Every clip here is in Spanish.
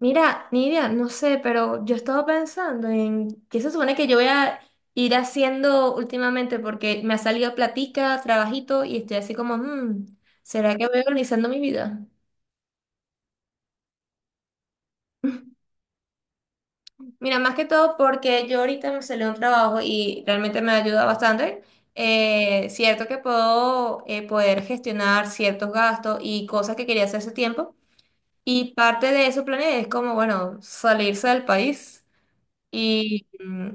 Mira, Nidia, no sé, pero yo estaba pensando en qué se supone que yo voy a ir haciendo últimamente porque me ha salido platica, trabajito y estoy así como, ¿Será que voy organizando mi vida? Mira, más que todo porque yo ahorita me salió un trabajo y realmente me ayuda bastante. Cierto que puedo poder gestionar ciertos gastos y cosas que quería hacer hace tiempo. Y parte de eso planeé es como, bueno, salirse del país. Y, mm,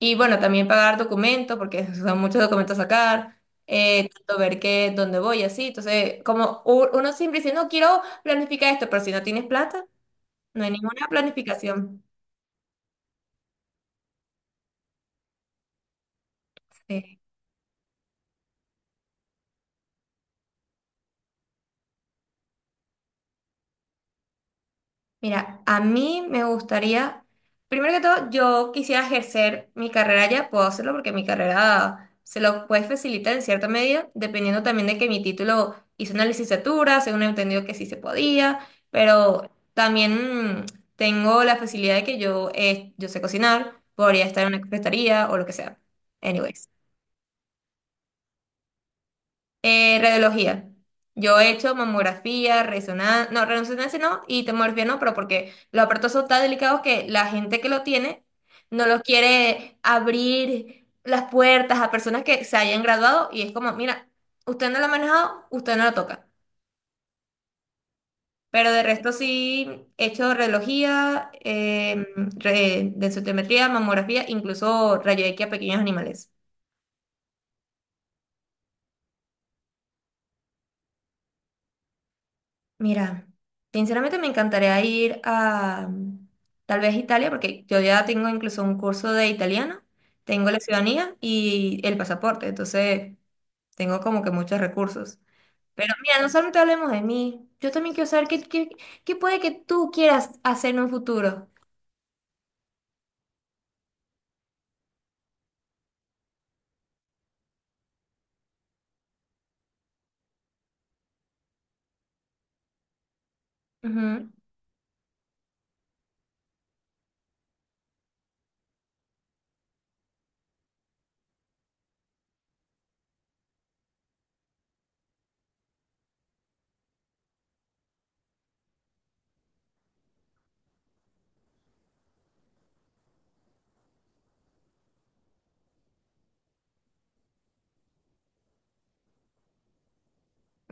Y bueno, también pagar documentos, porque son muchos documentos a sacar, tanto ver qué, dónde voy, así. Entonces, como uno siempre dice, no quiero planificar esto, pero si no tienes plata, no hay ninguna planificación. Sí. Mira, a mí me gustaría, primero que todo, yo quisiera ejercer mi carrera ya, puedo hacerlo porque mi carrera se lo puede facilitar en cierta medida, dependiendo también de que mi título hice una licenciatura, según he entendido que sí se podía, pero también tengo la facilidad de que yo sé cocinar, podría estar en una cafetería o lo que sea. Anyways. Radiología. Yo he hecho mamografía, resonancia no, y tomografía no, pero porque los aparatos son tan delicados que la gente que lo tiene no los quiere abrir las puertas a personas que se hayan graduado y es como, mira, usted no lo ha manejado, usted no lo toca. Pero de resto sí he hecho radiología, densitometría, mamografía, incluso rayo X a pequeños animales. Mira, sinceramente me encantaría ir a tal vez Italia, porque yo ya tengo incluso un curso de italiano, tengo la ciudadanía y el pasaporte, entonces tengo como que muchos recursos. Pero mira, no solamente hablemos de mí, yo también quiero saber qué puede que tú quieras hacer en un futuro. Ujú,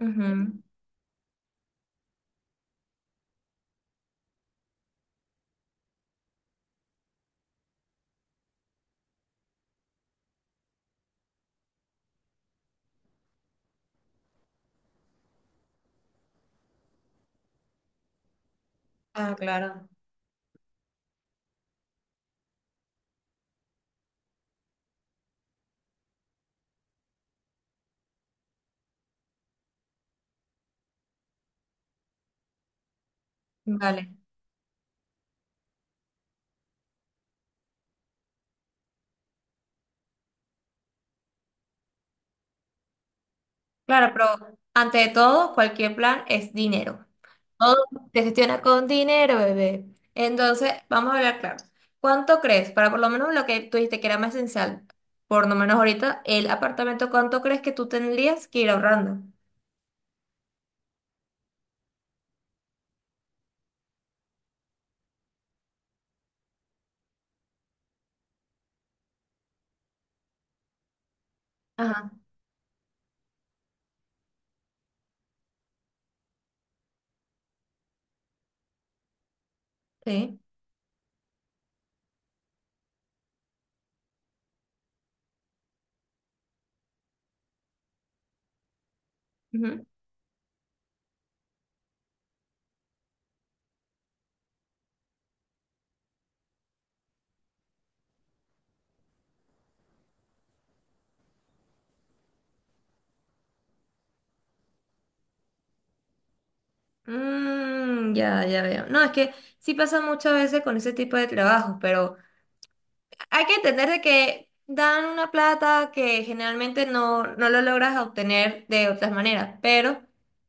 ujú. Ah, claro. Vale. Claro, pero ante todo, cualquier plan es dinero. Todo se gestiona con dinero, bebé. Entonces, vamos a hablar claro. ¿Cuánto crees? Para por lo menos lo que tú dijiste que era más esencial, por lo menos ahorita, el apartamento, ¿cuánto crees que tú tendrías que ir ahorrando? Ajá, sí. Ujú. Ya, ya veo. No, es que sí pasa muchas veces con ese tipo de trabajos, pero hay que entender de que dan una plata que generalmente no, no lo logras obtener de otras maneras, pero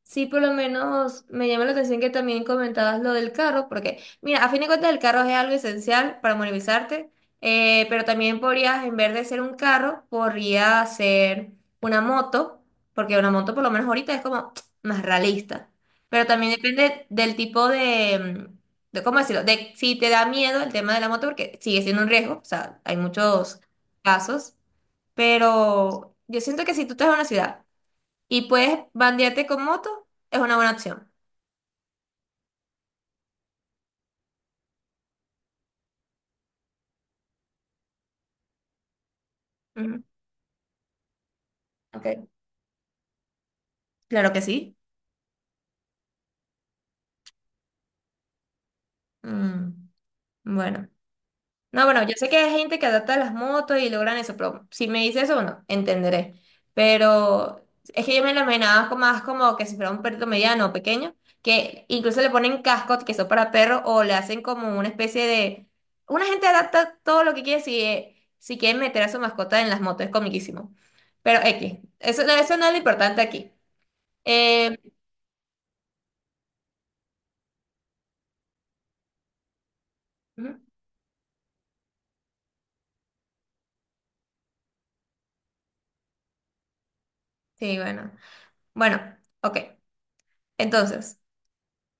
sí por lo menos me llama la atención que también comentabas lo del carro, porque mira, a fin de cuentas el carro es algo esencial para movilizarte, pero también podrías, en vez de ser un carro, podría ser una moto, porque una moto por lo menos ahorita es como más realista, pero también depende del tipo de cómo decirlo, de si te da miedo el tema de la moto, porque sigue siendo un riesgo, o sea, hay muchos casos, pero yo siento que si tú estás en una ciudad y puedes bandearte con moto, es una buena opción. Ujú, ok, claro que sí. Mm, bueno. No, bueno, yo sé que hay gente que adapta las motos y logran eso, pero si me dices eso, bueno, entenderé. Pero es que yo me lo imaginaba más como que si fuera un perrito mediano o pequeño, que incluso le ponen cascos que son para perros o le hacen como una especie de... Una gente adapta todo lo que quiere si, si quieren meter a su mascota en las motos, es comiquísimo. Pero X, eso, eso no es lo importante aquí. Eh, Ujú, sí, bueno. Bueno, ok. Entonces.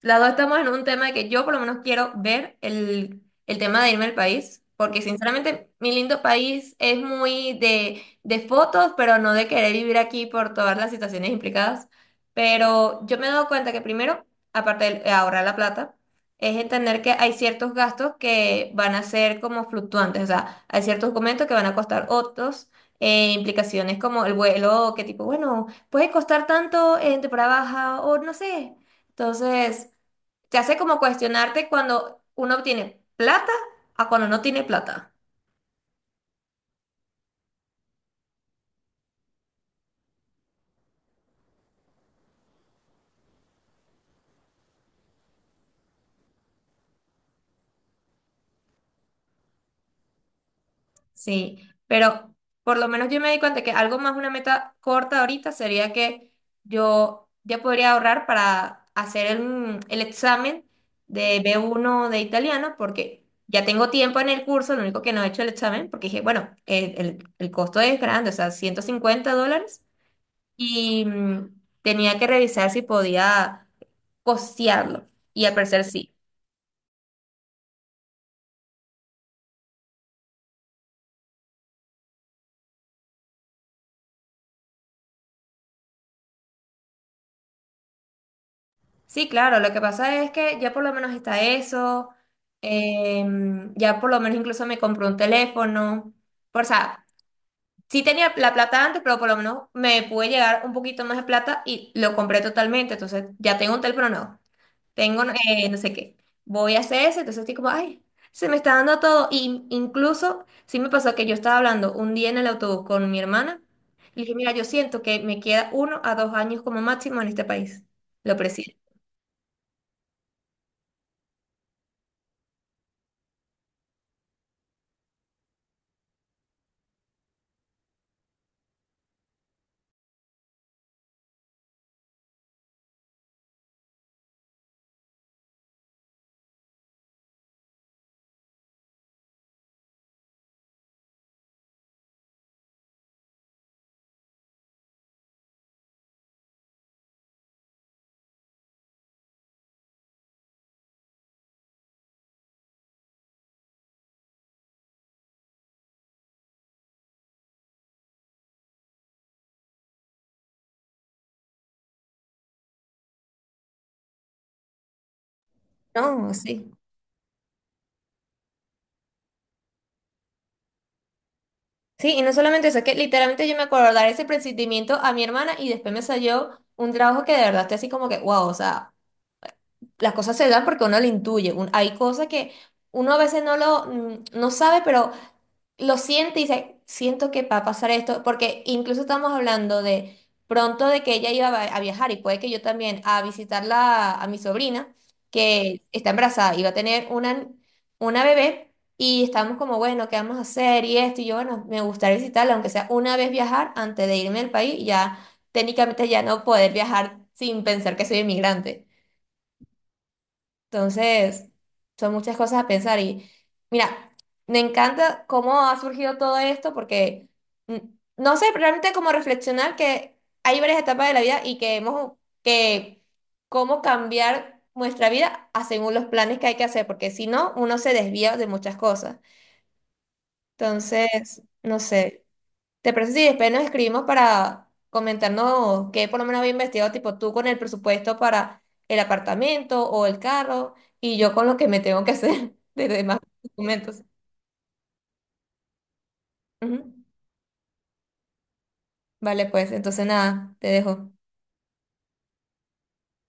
Las dos estamos en un tema de que yo por lo menos quiero ver el tema de irme al país, porque sinceramente mi lindo país es muy de fotos, pero no de querer vivir aquí por todas las situaciones implicadas. Pero yo me he dado cuenta que primero, aparte de ahorrar la plata, es entender que hay ciertos gastos que van a ser como fluctuantes, o sea, hay ciertos documentos que van a costar otros, implicaciones como el vuelo, que tipo, bueno, puede costar tanto en temporada baja o no sé. Entonces te hace como cuestionarte cuando uno tiene plata a cuando no tiene plata. Sí, pero por lo menos yo me di cuenta que algo más, una meta corta ahorita sería que yo ya podría ahorrar para hacer el examen de B1 de italiano porque ya tengo tiempo en el curso, lo único que no he hecho el examen porque dije, bueno, el costo es grande, o sea, 150 dólares y tenía que revisar si podía costearlo y al parecer sí. Sí, claro, lo que pasa es que ya por lo menos está eso, ya por lo menos incluso me compré un teléfono, o sea, sí tenía la plata antes, pero por lo menos me pude llegar un poquito más de plata y lo compré totalmente, entonces ya tengo un teléfono nuevo, tengo no sé qué, voy a hacer eso, entonces estoy como, ay, se me está dando todo, y incluso sí me pasó que yo estaba hablando un día en el autobús con mi hermana, y le dije, mira, yo siento que me queda uno a dos años como máximo en este país, lo presiento. No, sí. Sí, y no solamente eso, es que literalmente yo me acuerdo dar ese procedimiento a mi hermana y después me salió un trabajo que de verdad estoy así como que, wow, o sea, las cosas se dan porque uno lo intuye. Hay cosas que uno a veces no lo, no sabe, pero lo siente y dice, siento que va a pasar esto, porque incluso estamos hablando de pronto de que ella iba a viajar y puede que yo también a visitarla a mi sobrina, que está embarazada, y va a tener una bebé y estamos como, bueno, ¿qué vamos a hacer? Y esto, y yo, bueno, me gustaría visitarla, aunque sea una vez viajar antes de irme del país, y ya técnicamente ya no poder viajar sin pensar que soy inmigrante. Entonces, son muchas cosas a pensar y mira, me encanta cómo ha surgido todo esto porque mm, no sé pero realmente cómo reflexionar que hay varias etapas de la vida y que hemos que cómo cambiar nuestra vida a según los planes que hay que hacer, porque si no, uno se desvía de muchas cosas. Entonces, no sé. ¿Te parece si después nos escribimos para comentarnos qué por lo menos había investigado, tipo tú con el presupuesto para el apartamento o el carro y yo con lo que me tengo que hacer de demás documentos? Ujú. Vale, pues entonces nada, te dejo.